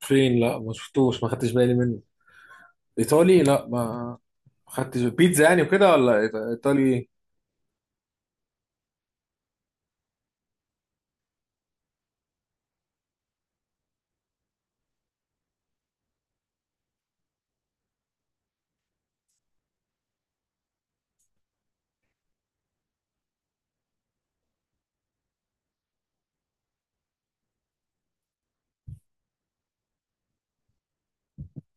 فين؟ لا، ما شفتوش، ما خدتش بالي منه. ايطالي؟ لا ما. ما خدتش بيتزا يعني وكده، ولا ايطالي، ايه؟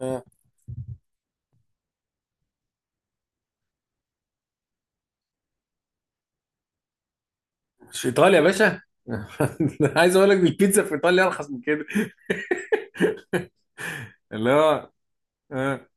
آه، مش ايطاليا يا باشا. عايز اقول لك البيتزا في ايطاليا ارخص من كده. اللي هو آه،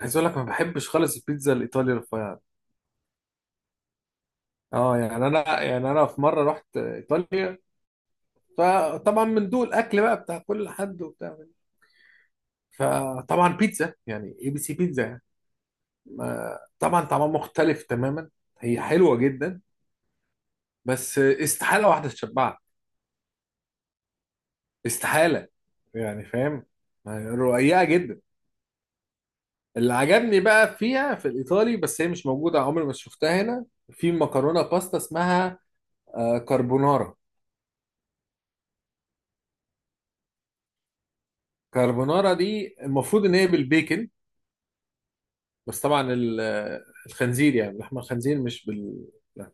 عايز اقول لك، ما بحبش خالص البيتزا الايطالي رفيعه. اه، يعني انا في مره رحت ايطاليا. فطبعا من دول اكل بقى بتاع كل حد وبتاع. فطبعا بيتزا يعني اي بي سي بيتزا يعني. طبعا طعمها مختلف تماما. هي حلوه جدا، بس استحاله واحده تشبعك. استحالة. يعني فاهم، يعني رقيقة جدا. اللي عجبني بقى فيها في الإيطالي، بس هي مش موجودة، عمري ما شفتها هنا. في مكرونة باستا اسمها كاربونارا. كاربونارا دي المفروض إن هي بالبيكن. بس طبعا الخنزير، يعني لحم الخنزير مش بال. لا.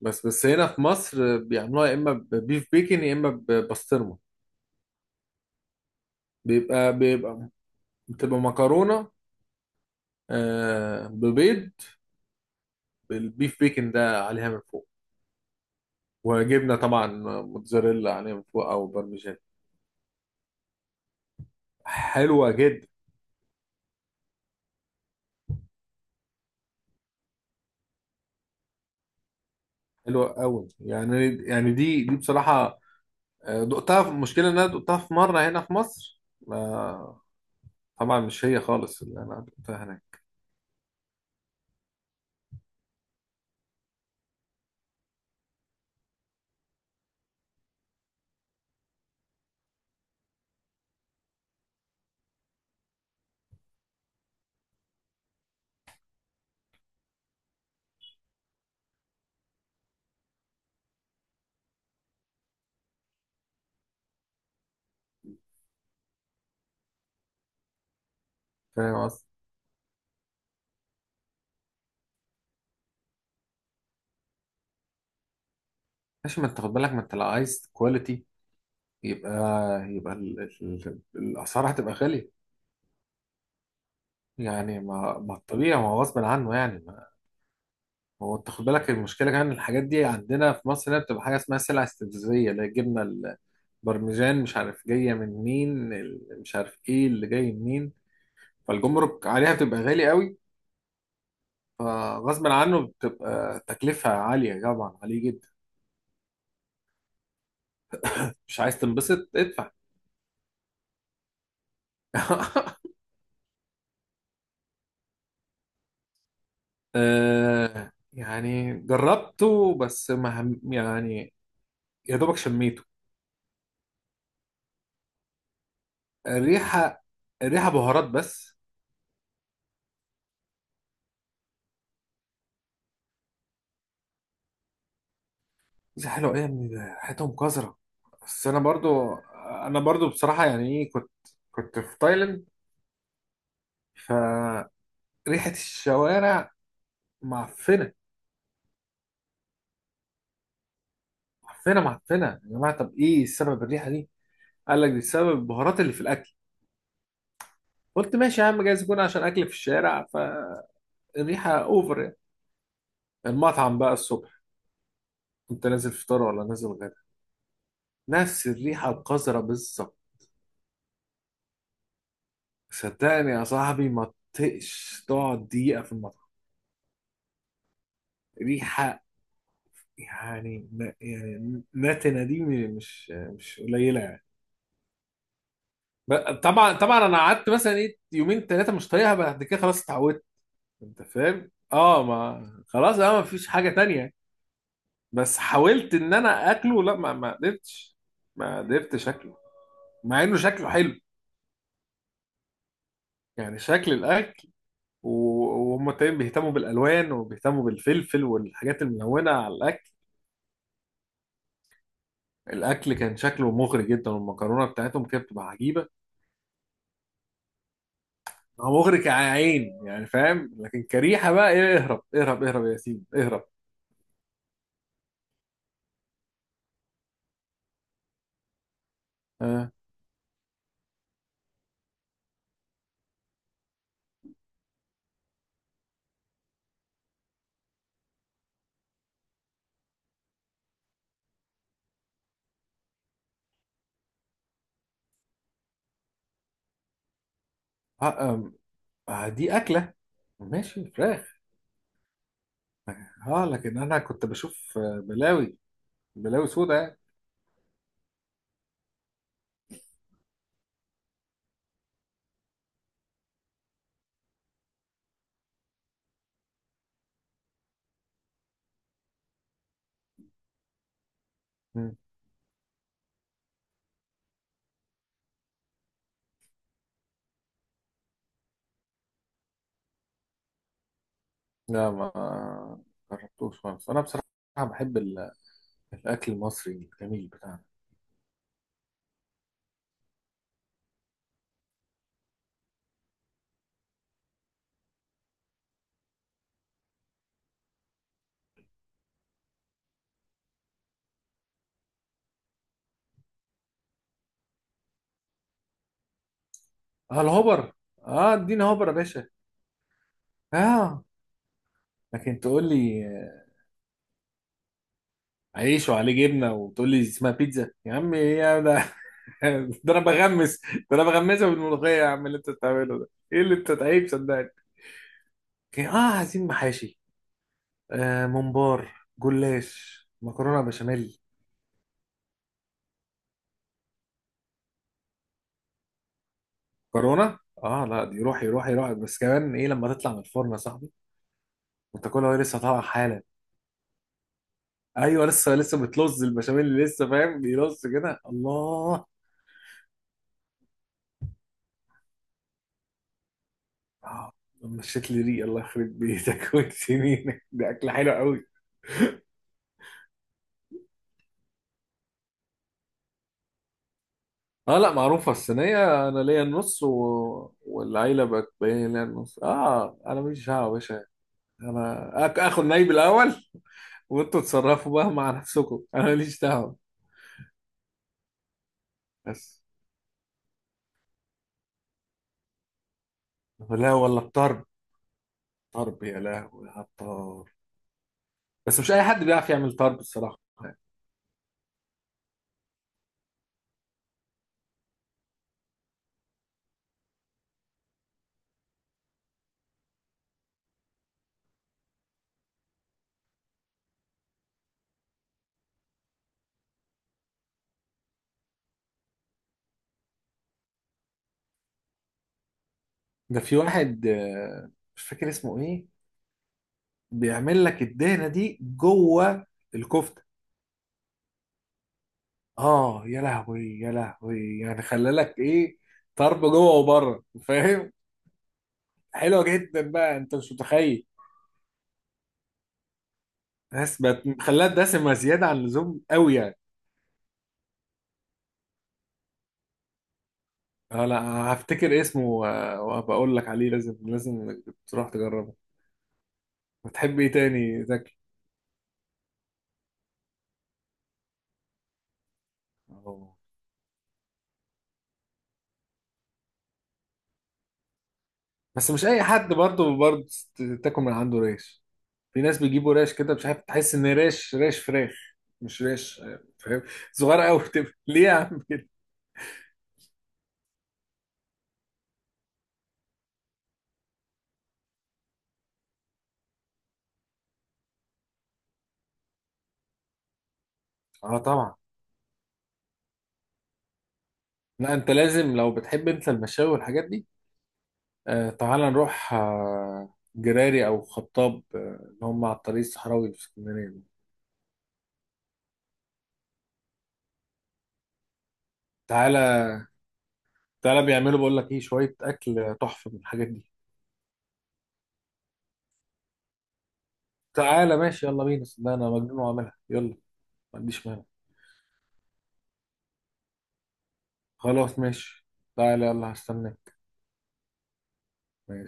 بس هنا في مصر بيعملوها يا إما ببيف بيكن يا إما ببسطرمة. بيبقى بيبقى بتبقى مكرونة. ببيض، بالبيف بيكن ده عليها من فوق، وجبنه طبعا، موتزاريلا عليها من فوق او بارميجان. حلوه جدا. حلوه قوي يعني دي بصراحه. دقتها المشكله ان انا دقتها في مره هنا في مصر. ما طبعا مش هي خالص اللي انا دقتها هناك. فاهم قصدي؟ ماشي، ما انت خد بالك، ما انت لو عايز كواليتي يبقى، الاسعار هتبقى غاليه. يعني ما الطبيعي، ما هو غصب عنه يعني ما. هو انت خد بالك، المشكله كمان الحاجات دي عندنا في مصر هنا بتبقى حاجه اسمها سلع استفزازيه، اللي هي الجبنه برمجان، مش عارف جايه من مين، مش عارف ايه اللي جاي منين. فالجمرك عليها بتبقى غالي قوي، فغصب عنه بتبقى تكلفه عاليه طبعا عليه جدا. مش عايز تنبسط ادفع. آه، يعني جربته، بس ما هم- يعني يا دوبك شميته. الريحه الريحه بهارات بس. دي حلوه ايه يا ابني؟ ده ريحتهم قذره. بس انا برضو بصراحه، يعني ايه، كنت في تايلاند. فريحه الشوارع معفنه. معفنه معفنه يا جماعه. طب ايه السبب الريحه دي؟ قال لك دي السبب البهارات اللي في الاكل. قلت ماشي يا عم، جايز يكون عشان اكل في الشارع، فالريحه اوفر يعني. المطعم بقى الصبح، كنت نازل فطار ولا نازل غدا، نفس الريحه القذره بالظبط. صدقني يا صاحبي، ما تطقش تقعد دقيقه في المطعم. ريحه يعني يعني نتنه دي، مش قليله يعني. طبعا انا قعدت مثلا ايه يومين ثلاثه مش طايقها، بعد كده خلاص اتعودت. انت فاهم، اه، ما خلاص، اه ما فيش حاجه تانية. بس حاولت ان انا اكله، لا، ما قدرتش. ما قدرتش اكله، مع انه شكله حلو، يعني شكل الاكل. و- وهم تقريبا بيهتموا بالالوان وبيهتموا بالفلفل والحاجات الملونه على الاكل. الاكل كان شكله مغري جدا، والمكرونه بتاعتهم كانت بتبقى عجيبه. هو مغري كعين يعني فاهم، لكن كريحه بقى ايه، اهرب اهرب اهرب يا ياسين اهرب. آه. آه. آه. آه. دي اكله، ماشي، فراخ. اه لكن انا كنت بشوف بلاوي سودا يعني. مم. لا، ما جربتوش خالص انا بصراحه. بحب الاكل المصري الجميل بتاعنا. اه الهوبر، اه اديني هوبر يا باشا. اه لكن تقول لي عيش وعليه جبنه وتقول لي اسمها بيتزا، يا عم ايه يا ده؟ ده انا بغمس ده انا بغمسها بالملوخيه يا عم، اللي انت بتعمله ده، ايه اللي انت تعيب، صدقني. اه، عايزين محاشي، آه ممبار، جلاش، مكرونه بشاميل. كورونا، اه لا، دي روحي روحي روحي، بس كمان ايه لما تطلع من الفرن يا صاحبي، وتاكلها وهي لسه طالعه حالا. ايوه، لسه بتلص البشاميل اللي لسه فاهم بيلص كده، الله. آه، مشيت لي ريق، الله يخرب بيتك. وانت سنينك، دي اكله حلوه قوي. اه لا معروفه، الصينيه انا ليا النص والعيله بقت باين ليا النص، اه انا ماليش دعوه يا باشا. انا اخد نايب الاول، وانتوا تصرفوا بقى مع نفسكم، انا ماليش دعوه. بس. لا والله الطرب، طرب يا لهوي على الطرب. بس مش اي حد بيعرف يعمل طرب الصراحه يعني. ده في واحد مش فاكر اسمه ايه، بيعمل لك الدهنه دي جوه الكفته. اه يا لهوي يا لهوي، يعني خلى لك ايه، طرب جوه وبره، فاهم؟ حلوه جدا بقى، انت مش متخيل. بس بقت خلاها دسمه زياده عن اللزوم قوي يعني. اه لا، هفتكر اسمه و- وبقول لك عليه، لازم لازم تروح تجربه. بتحب ايه تاني زكي؟ اه بس مش اي حد برضه تاكل من عنده ريش. في ناس بيجيبوا ريش كده، مش عارف، تحس ان ريش، ريش فراخ، مش ريش، فاهم؟ صغيره قوي بتبقى. ليه يا عم كده؟ اه طبعا. لا انت لازم، لو بتحب انت المشاوي والحاجات دي، تعالى نروح، جراري او خطاب، اللي هم على الطريق الصحراوي في اسكندريه دول. تعالى تعالى بيعملوا، بقول لك ايه، شويه اكل تحفه من الحاجات دي. تعالى، ماشي يلا بينا، صدقني انا مجنون واعملها، يلا ما عنديش مانع. خلاص ماشي، تعالى يلا هستناك. ماشي.